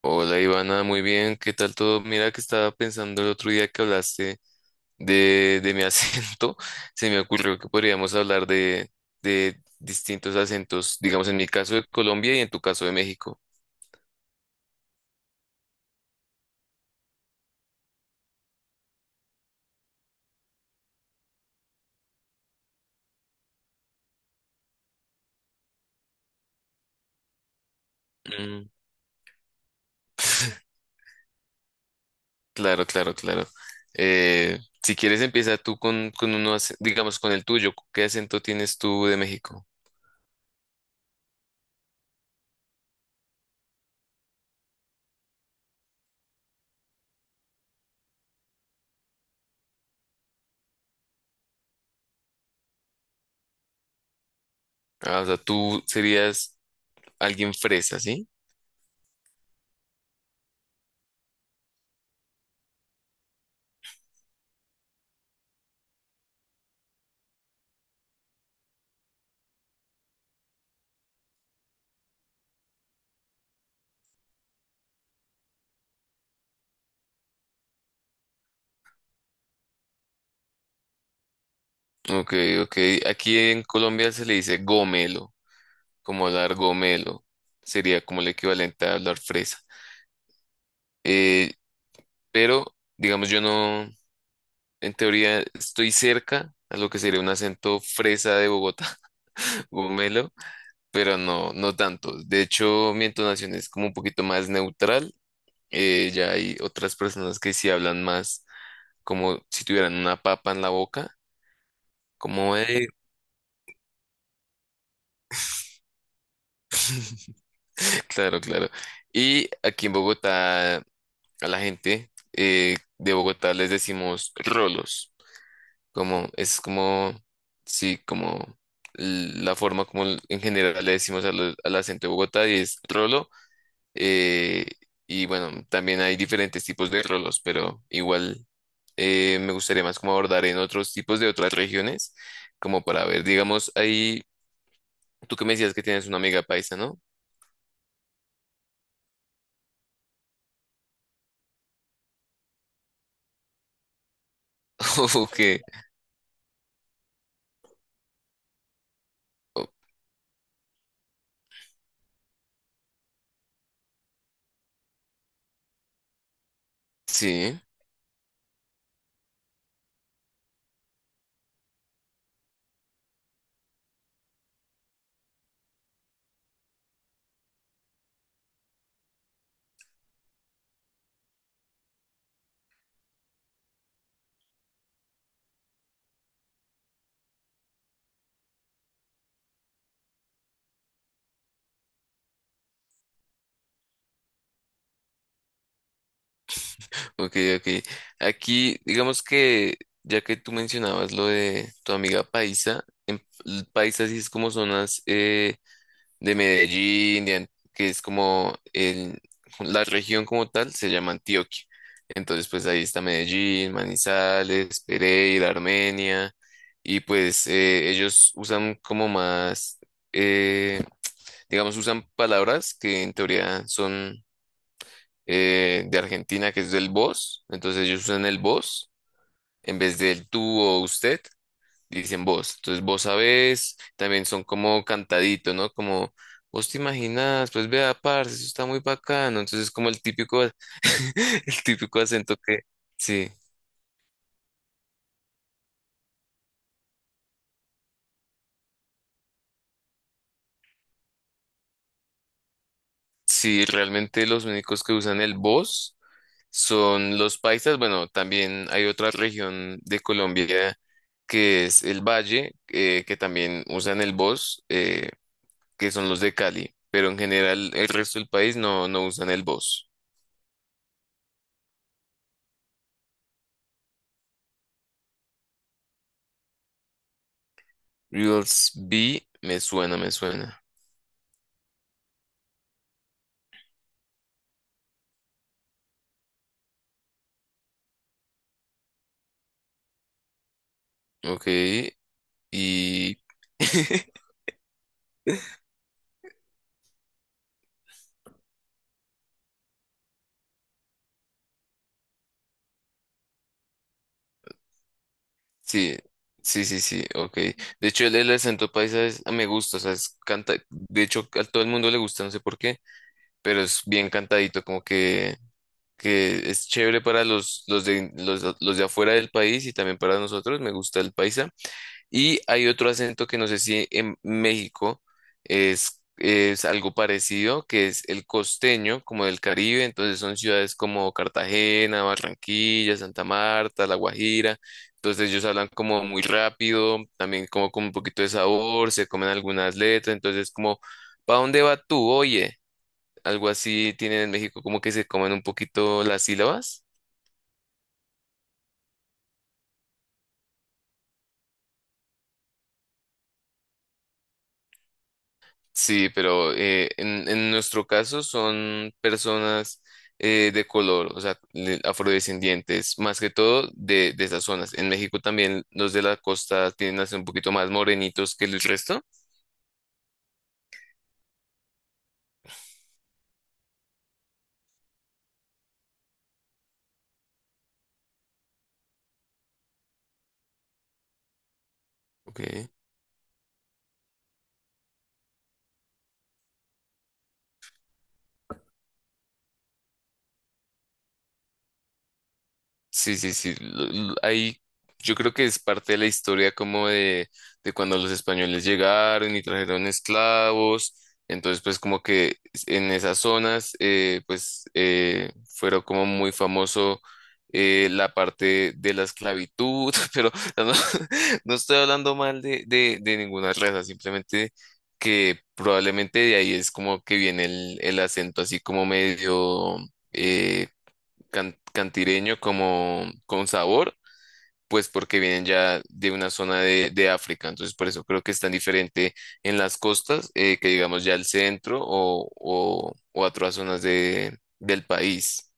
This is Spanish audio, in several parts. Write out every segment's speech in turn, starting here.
Hola Ivana, muy bien, ¿qué tal todo? Mira que estaba pensando el otro día que hablaste de mi acento, se me ocurrió que podríamos hablar de distintos acentos, digamos en mi caso de Colombia y en tu caso de México. Mm. Claro, claro, claro. Eh, si quieres empieza tú con uno, digamos con el tuyo, ¿qué acento tienes tú de México? Ah, o sea, tú serías alguien fresa, ¿sí? Ok, ok, aquí en Colombia se le dice gomelo. Como largomelo, sería como el equivalente a hablar fresa. Eh, pero, digamos, yo no, en teoría, estoy cerca a lo que sería un acento fresa de Bogotá, gomelo, pero no, no tanto. De hecho, mi entonación es como un poquito más neutral. Ya hay otras personas que sí hablan más como si tuvieran una papa en la boca, como, claro, claro. Y aquí en Bogotá, a la gente de Bogotá les decimos rolos. Como, es como, sí, como la forma como en general le decimos al, al acento de Bogotá y es trolo. eh, y bueno, también hay diferentes tipos de trolos, pero igual me gustaría más como abordar en otros tipos de otras regiones, como para ver, digamos, ahí, tú que me decías que tienes una amiga paisa, ¿no? O que, o- sí. Ok, ok. Aquí, digamos que, ya que tú mencionabas lo de tu amiga paisa, en el paisa sí es como zonas de Medellín, de que es como el, la región como tal, se llama Antioquia. Entonces, pues ahí está Medellín, Manizales, Pereira, Armenia, y pues ellos usan como más, eh, digamos, usan palabras que en teoría son de Argentina, que es del vos. Entonces ellos usan el vos en vez del tú o usted, dicen vos. Entonces vos sabés, también son como cantadito, ¿no? Como vos te imaginas, pues vea, parce, eso está muy bacano. Entonces es como el típico, el típico acento que, sí, sí, realmente los únicos que usan el vos son los paisas. Bueno, también hay otra región de Colombia que es el Valle, que también usan el vos. Que son los de Cali, pero en general el resto del país no, no usan el voz. Reels B me suena, me suena. Ok, y... Sí, sí, sí, sí, ok. De hecho, el, el acento paisa me gusta, o sea, es canta, de hecho, a todo el mundo le gusta, no sé por qué, pero es bien cantadito, como que es chévere para los de afuera del país y también para nosotros, me gusta el paisa. Y hay otro acento que no sé si en México es algo parecido, que es el costeño, como del Caribe. Entonces son ciudades como Cartagena, Barranquilla, Santa Marta, La Guajira. Entonces ellos hablan como muy rápido, también como con un poquito de sabor, se comen algunas letras. Entonces como, ¿pa dónde va tú? Oye, algo así tienen en México, como que se comen un poquito las sílabas. Sí, pero en nuestro caso son personas de color, o sea, afrodescendientes, más que todo de esas zonas. En México también los de la costa tienden a ser un poquito más morenitos que el resto. Ok. Sí, sí, sí. Ahí yo creo que es parte de la historia como de cuando los españoles llegaron y trajeron esclavos. Entonces, pues como que en esas zonas, pues fueron como muy famoso la parte de la esclavitud, pero no, no estoy hablando mal de ninguna raza, simplemente que probablemente de ahí es como que viene el acento así como medio... eh, cantireño como con sabor, pues porque vienen ya de una zona de África. Entonces, por eso creo que es tan diferente en las costas que digamos ya el centro o otras zonas de, del país.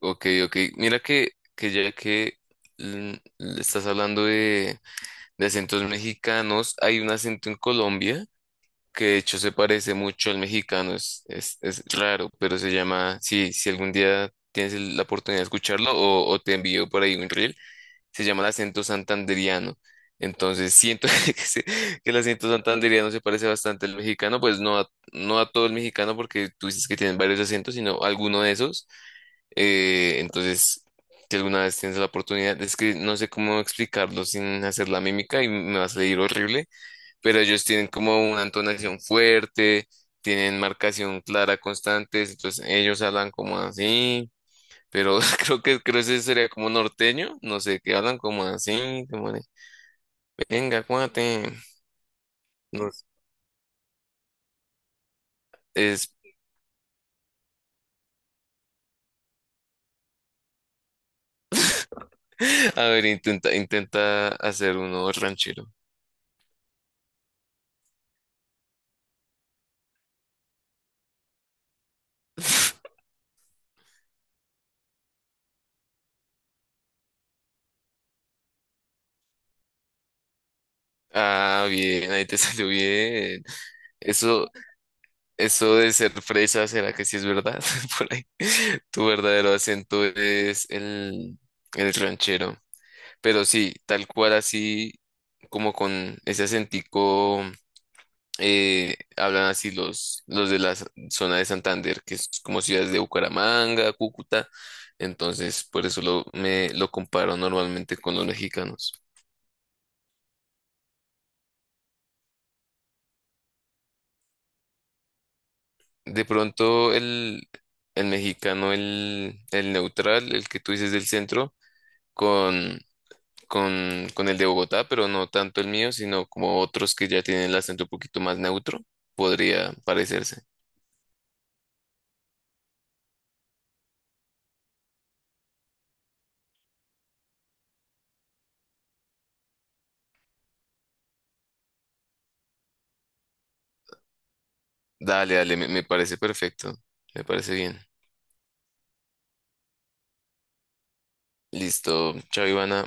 Ok, ok. Mira que ya que mm, estás hablando de acentos mexicanos, hay un acento en Colombia que de hecho se parece mucho al mexicano, es raro, pero se llama, si, si algún día tienes la oportunidad de escucharlo o te envío por ahí un reel, se llama el acento santanderiano. Entonces siento que, que el acento santanderiano se parece bastante al mexicano, pues no a, no a todo el mexicano porque tú dices que tienen varios acentos, sino alguno de esos. Entonces, si alguna vez tienes la oportunidad, es que no sé cómo explicarlo sin hacer la mímica y me va a salir horrible, pero ellos tienen como una entonación fuerte, tienen marcación clara constantes, entonces ellos hablan como así, pero creo que ese sería como norteño, no sé, que hablan como así, como de, venga, cuate, no sé, es, a ver, intenta, intenta hacer uno ranchero. Ah, bien, ahí te salió bien. Eso, eso de ser fresa, ¿será que sí es verdad? Por ahí. Tu verdadero acento es el ranchero. Pero sí, tal cual así, como con ese acentico, hablan así los de la zona de Santander, que es como ciudades de Bucaramanga, Cúcuta. Entonces, por eso lo, me lo comparo normalmente con los mexicanos. De pronto, el mexicano, el neutral, el que tú dices del centro, con, con el de Bogotá, pero no tanto el mío, sino como otros que ya tienen el acento un poquito más neutro, podría parecerse. Dale, dale, me parece perfecto. Me parece bien. Listo, chao, Ivana.